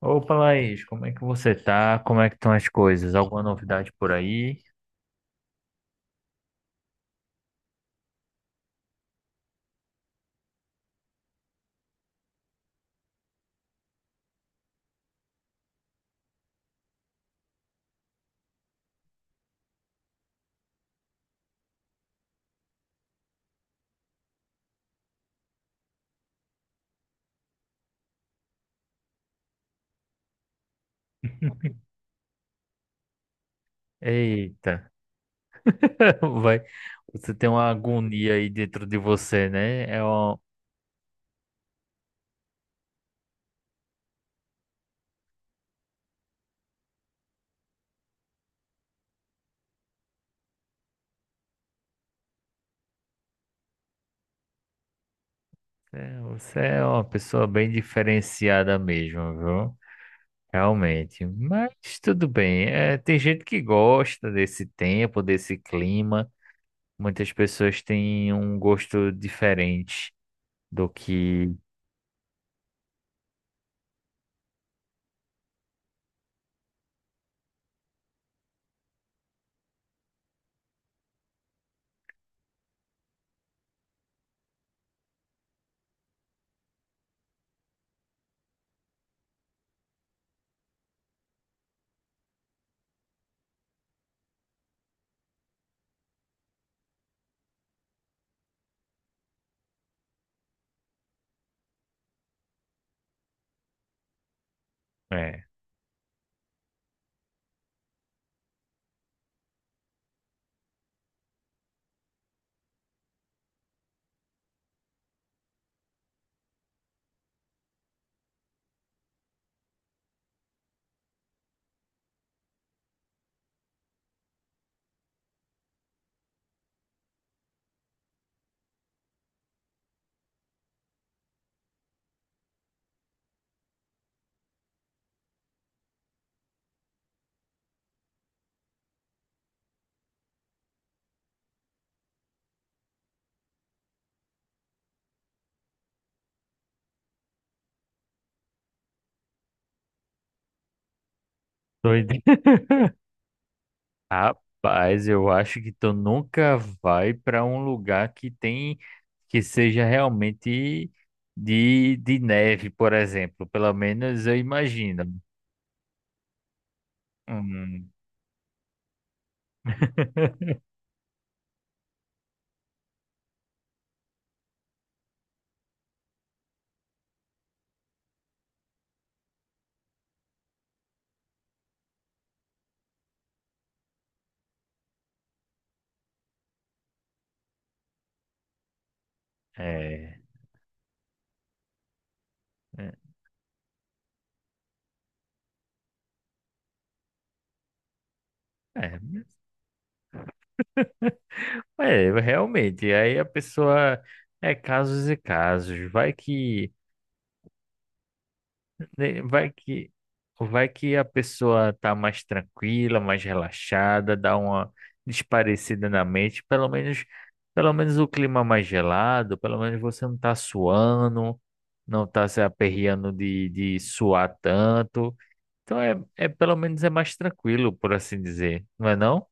Opa, Laís, como é que você tá? Como é que estão as coisas? Alguma novidade por aí? Eita, vai. Você tem uma agonia aí dentro de você, né? É uma... é, você é uma pessoa bem diferenciada mesmo, viu? Realmente. Mas tudo bem. É, tem gente que gosta desse tempo, desse clima. Muitas pessoas têm um gosto diferente do que é. Doido. Rapaz, eu acho que tu nunca vai para um lugar que tem que seja realmente de neve, por exemplo. Pelo menos eu imagino. Hum, é, é, é, é, realmente. Aí a pessoa é casos e casos. Vai que né, vai que a pessoa tá mais tranquila, mais relaxada, dá uma desparecida na mente, pelo menos o clima mais gelado, pelo menos você não tá suando, não tá se aperreando de suar tanto. Então é, é pelo menos é mais tranquilo, por assim dizer, não é não?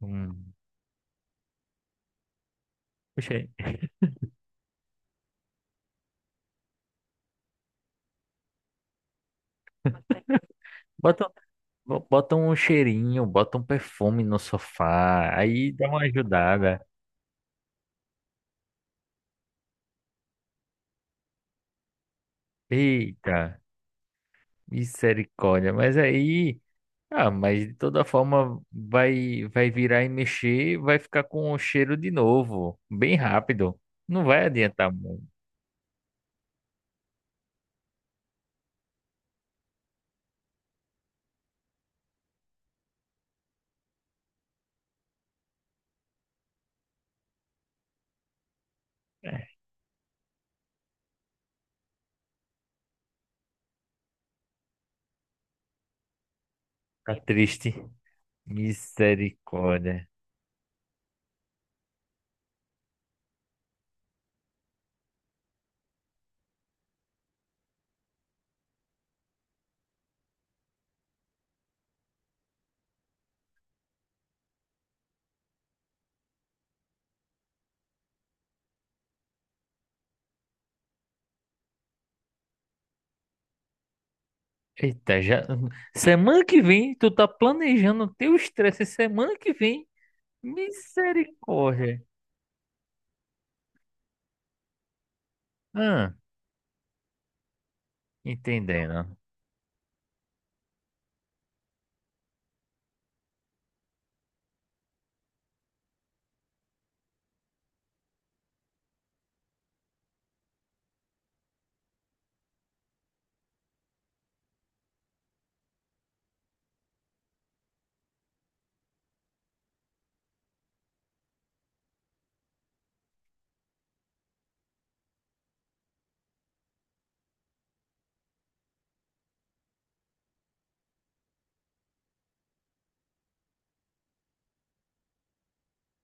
Hum. Poxa, aí. Bota, bota um cheirinho, bota um perfume no sofá, aí dá uma ajudada. Eita. Misericórdia, mas aí, ah, mas de toda forma vai virar e mexer, vai ficar com o cheiro de novo, bem rápido. Não vai adiantar muito. É, tá triste. Misericórdia. Eita, já semana que vem tu tá planejando teu estresse semana que vem. Misericórdia. Ah, entendendo.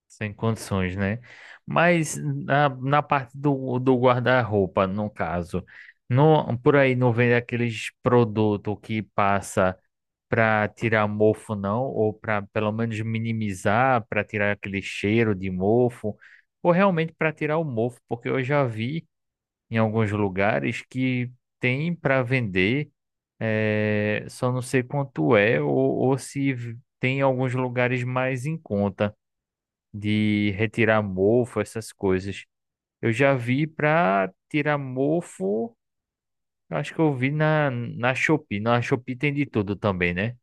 Sem condições, né? Mas na parte do guarda-roupa, no caso, não por aí não vende aqueles produtos que passa para tirar mofo, não? Ou para pelo menos minimizar, para tirar aquele cheiro de mofo, ou realmente para tirar o mofo, porque eu já vi em alguns lugares que tem para vender, só não sei quanto é, ou, se tem em alguns lugares mais em conta de retirar mofo, essas coisas. Eu já vi para tirar mofo, eu acho que eu vi na Shopee. Na Shopee tem de tudo também, né?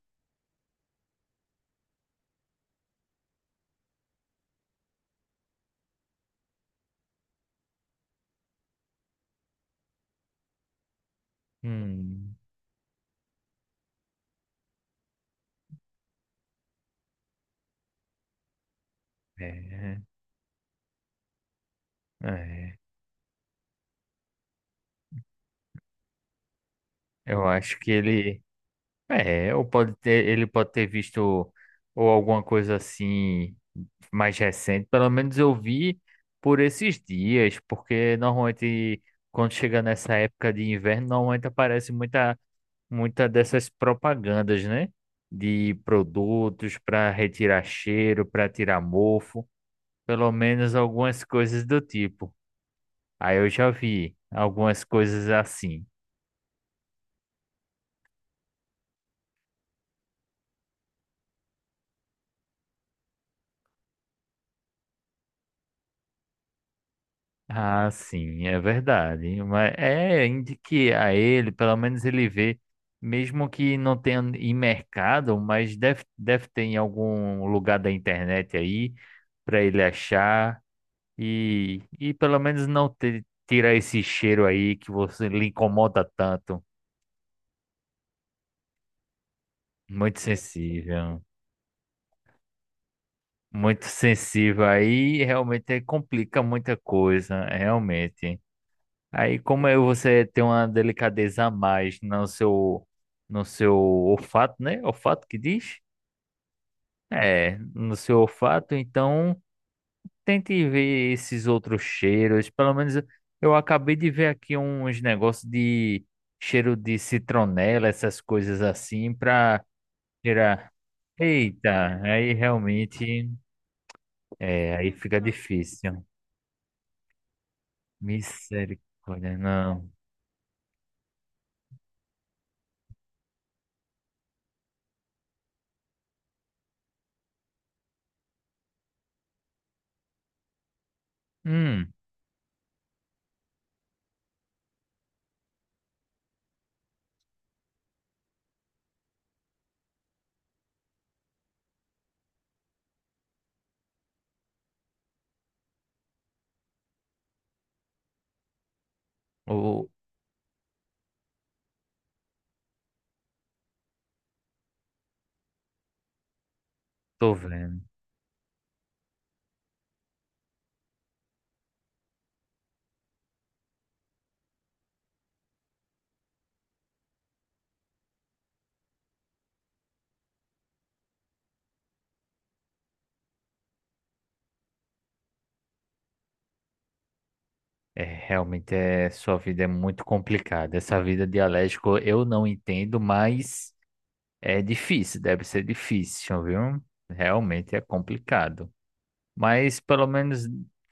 Hum, é, é. Eu acho que ele. É, ou pode ter, ele pode ter visto ou alguma coisa assim mais recente. Pelo menos eu vi por esses dias, porque normalmente quando chega nessa época de inverno, normalmente aparece muita dessas propagandas, né? De produtos para retirar cheiro, para tirar mofo, pelo menos algumas coisas do tipo. Aí eu já vi algumas coisas assim. Ah, sim, é verdade. Mas é, indique a ele, pelo menos ele vê, mesmo que não tenha em mercado, mas deve, ter em algum lugar da internet aí para ele achar. E pelo menos não te, tirar esse cheiro aí que você lhe incomoda tanto. Muito sensível. Muito sensível aí realmente complica muita coisa, realmente. Aí como é você tem uma delicadeza a mais no seu no seu olfato, né? Olfato que diz? É, no seu olfato, então tente ver esses outros cheiros. Pelo menos eu acabei de ver aqui uns negócios de cheiro de citronela, essas coisas assim, pra tirar. Eita, aí realmente, é, aí fica difícil. Misericórdia, não. Hum, o- tô vendo. É, realmente é, sua vida é muito complicada. Essa vida de alérgico eu não entendo, mas é difícil, deve ser difícil, viu? Realmente é complicado. Mas pelo menos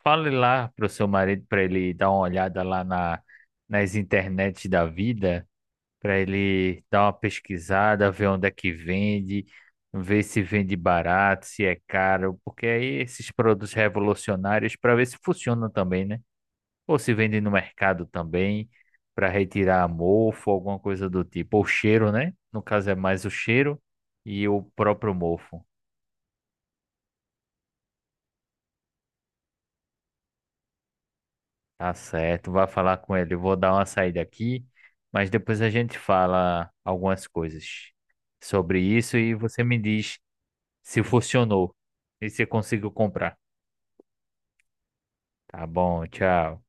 fale lá pro seu marido para ele dar uma olhada lá na, nas internet da vida, para ele dar uma pesquisada, ver onde é que vende, ver se vende barato, se é caro, porque aí esses produtos revolucionários para ver se funcionam também, né? Ou se vende no mercado também, para retirar mofo, alguma coisa do tipo, ou cheiro, né? No caso é mais o cheiro e o próprio mofo. Tá certo, vai falar com ele. Eu vou dar uma saída aqui, mas depois a gente fala algumas coisas sobre isso e você me diz se funcionou e se conseguiu comprar. Tá bom, tchau.